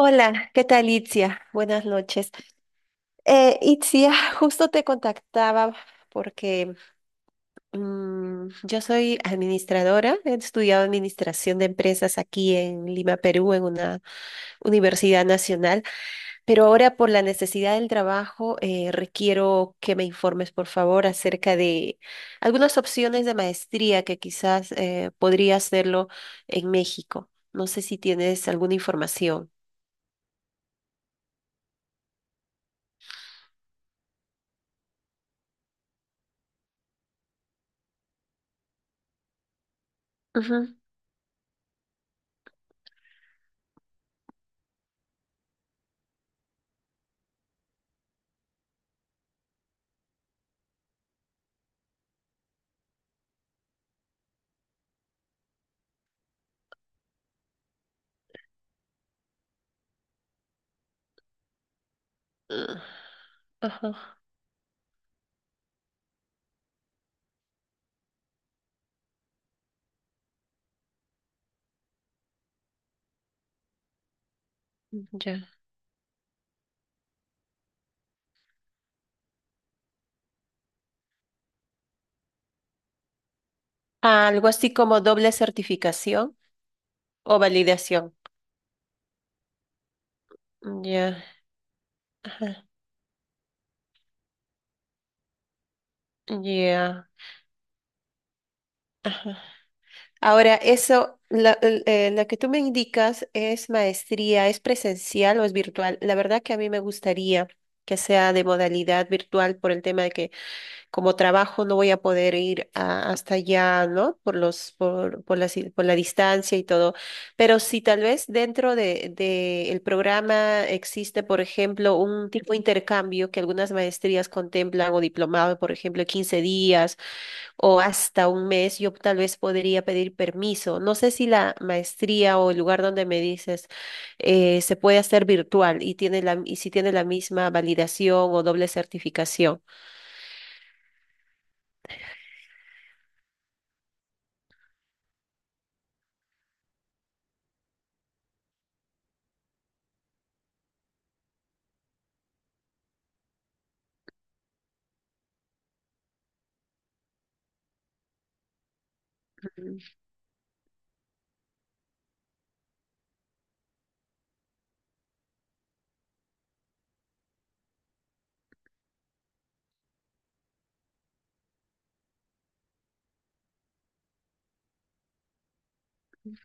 Hola, ¿qué tal, Itzia? Buenas noches. Itzia, justo te contactaba porque yo soy administradora, he estudiado administración de empresas aquí en Lima, Perú, en una universidad nacional, pero ahora por la necesidad del trabajo requiero que me informes, por favor, acerca de algunas opciones de maestría que quizás podría hacerlo en México. No sé si tienes alguna información. Ujú. Mm. Ajá. Ya. Ah, algo así como doble certificación o validación. Ya. Ajá. Ya. Ahora, eso, la, el- la que tú me indicas es maestría, ¿es presencial o es virtual? La verdad que a mí me gustaría que sea de modalidad virtual por el tema de que como trabajo no voy a poder ir a- hasta allá, ¿no? Por los, por la, si, por la distancia y todo. Pero si tal vez dentro de el programa existe, por ejemplo, un tipo de intercambio que algunas maestrías contemplan o diplomado, por ejemplo, 15 días o hasta un mes, yo tal vez podría pedir permiso. No sé si la maestría o el lugar donde me dices se puede hacer virtual y tiene la, y si tiene la misma validación o doble certificación.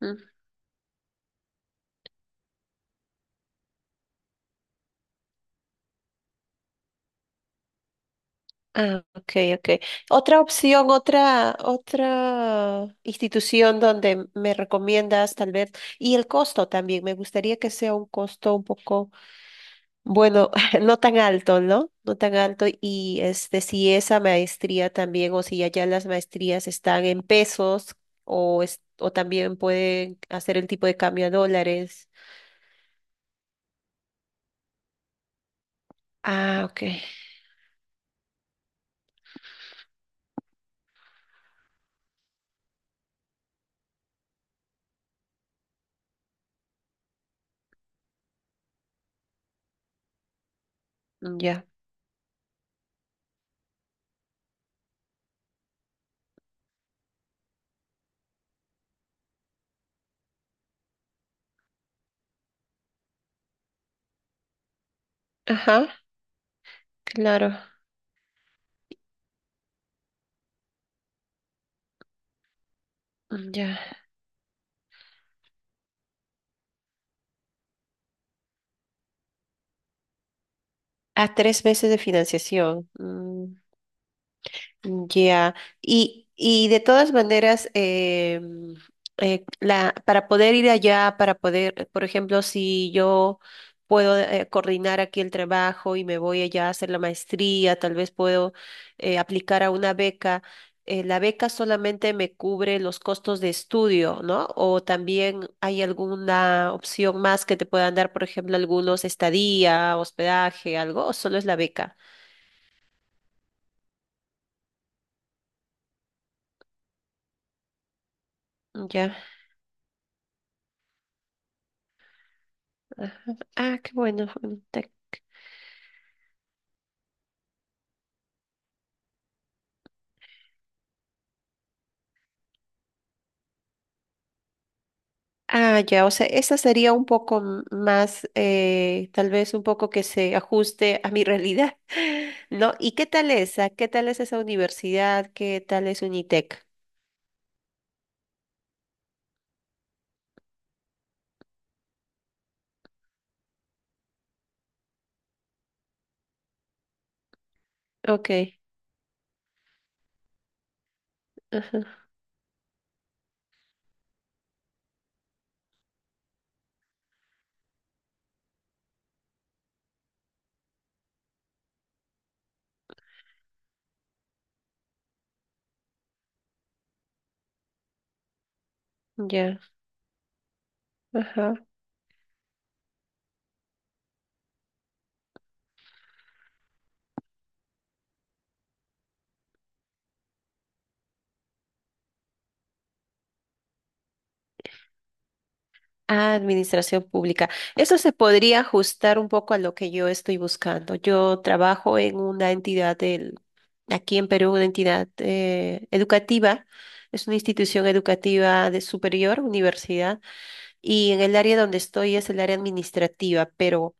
Ujú. Ah, ok, ok. Otra opción, otra institución donde me recomiendas tal vez, y el costo también, me gustaría que sea un costo un poco, bueno, no tan alto, ¿no? No tan alto, y este, si esa maestría también, o si allá las maestrías están en pesos, o, es- o también pueden hacer el tipo de cambio a dólares. Ah, ok, ya. Ajá, claro. Mm, ya. A tres meses de financiación. Mm. Ya. Y de todas maneras, la, para poder ir allá, para poder, por ejemplo, si yo puedo coordinar aquí el trabajo y me voy allá a hacer la maestría, tal vez puedo aplicar a una beca. La beca solamente me cubre los costos de estudio, ¿no? O también hay alguna opción más que te puedan dar, por ejemplo, algunos estadía, hospedaje, algo, o solo es la beca. Ya. Ajá. Ah, qué bueno. Bueno. Ah, ya, o sea, esa sería un poco más, tal vez un poco que se ajuste a mi realidad, ¿no? ¿Y qué tal esa? ¿Qué tal es esa universidad? ¿Qué tal es Unitec? Ok, ajá, ya, ajá. Administración pública. Eso se podría ajustar un poco a lo que yo estoy buscando. Yo trabajo en una entidad del, aquí en Perú, una entidad educativa. Es una institución educativa de superior, universidad, y en el área donde estoy es el área administrativa, pero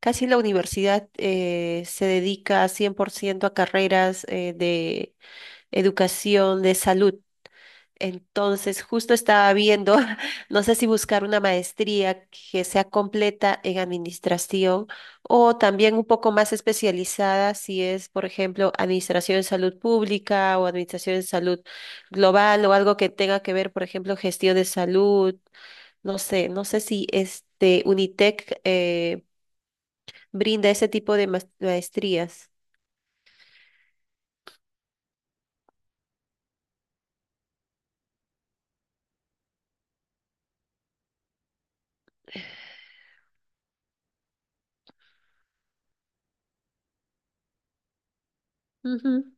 casi la universidad se dedica 100% a carreras de educación, de salud. Entonces, justo estaba viendo, no sé si buscar una maestría que sea completa en administración o también un poco más especializada si es, por ejemplo, administración en salud pública o administración en salud global o algo que tenga que ver, por ejemplo, gestión de salud. No sé, no sé si este Unitec brinda ese tipo de maestrías. Ujú.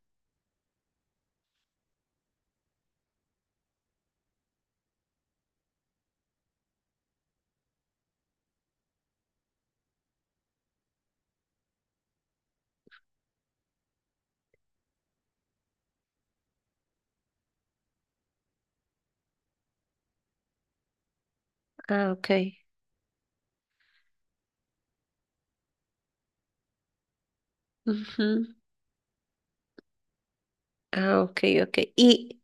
Ah, ok. Ujú. Ah, ok, ok.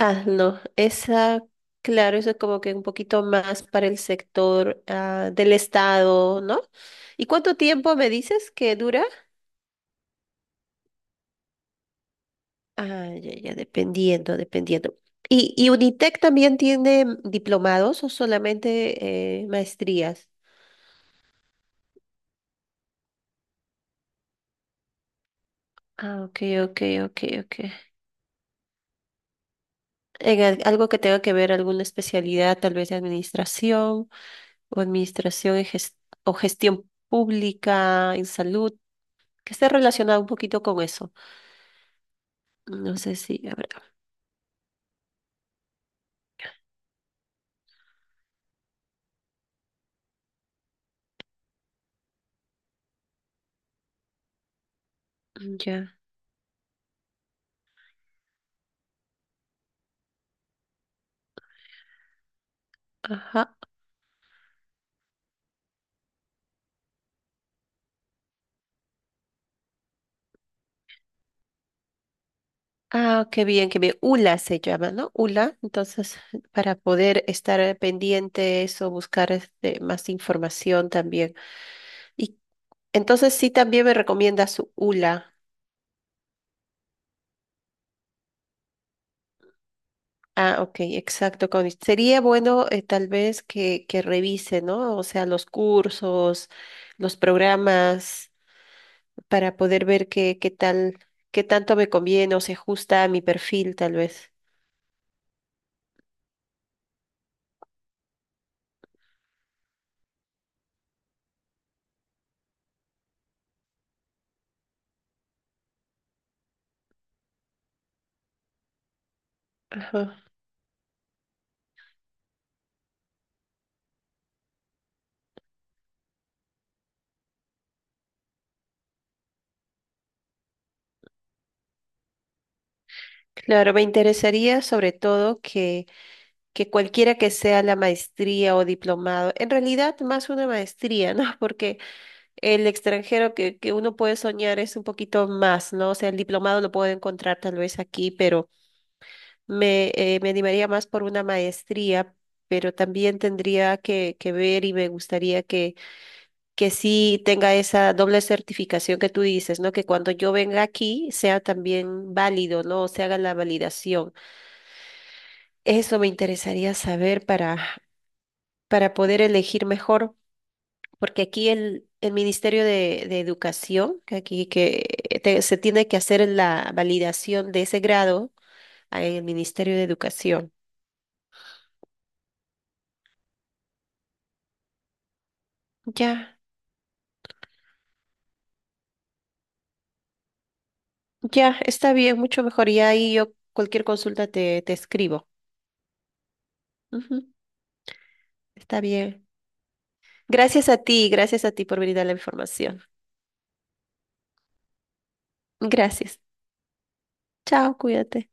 Ah, no, esa, claro, eso es como que un poquito más para el sector ah, del Estado, ¿no? ¿Y cuánto tiempo me dices que dura? Ah, ya, ya, dependiendo, dependiendo. ¿Y Unitec también tiene diplomados o solamente maestrías? Ah, ok, ok, ok, ok. En algo que tenga que ver, alguna especialidad, tal vez de administración o administración en o gestión pública en salud, que esté relacionado un poquito con eso. No sé si habrá. Mm. Ya. Ajá. Ah, qué bien, qué bien. ULA se llama, ¿no? ULA. Entonces, para poder estar pendientes o buscar este, más información también. Y entonces sí también me recomiendas ULA. Ah, ok, exacto. Connie. Sería bueno tal vez que revise, ¿no? O sea, los cursos, los programas, para poder ver qué, qué tal, qué tanto me conviene o se ajusta a mi perfil, tal vez. Ajá. Claro, me interesaría sobre todo que cualquiera que sea la maestría o diplomado, en realidad más una maestría, ¿no? Porque el extranjero que uno puede soñar es un poquito más, ¿no? O sea, el diplomado lo puedo encontrar tal vez aquí, pero me, me animaría más por una maestría, pero también tendría que ver y me gustaría que sí tenga esa doble certificación que tú dices, ¿no? Que cuando yo venga aquí sea también válido, ¿no? O se haga la validación. Eso me interesaría saber para poder elegir mejor, porque aquí el Ministerio de Educación, que aquí que se tiene que hacer la validación de ese grado ah, en el Ministerio de Educación. Ya, ya, está bien, mucho mejor. Y ahí yo cualquier consulta te, escribo. Ujú, está bien. Gracias a ti por brindar la información. Gracias. Chao, cuídate.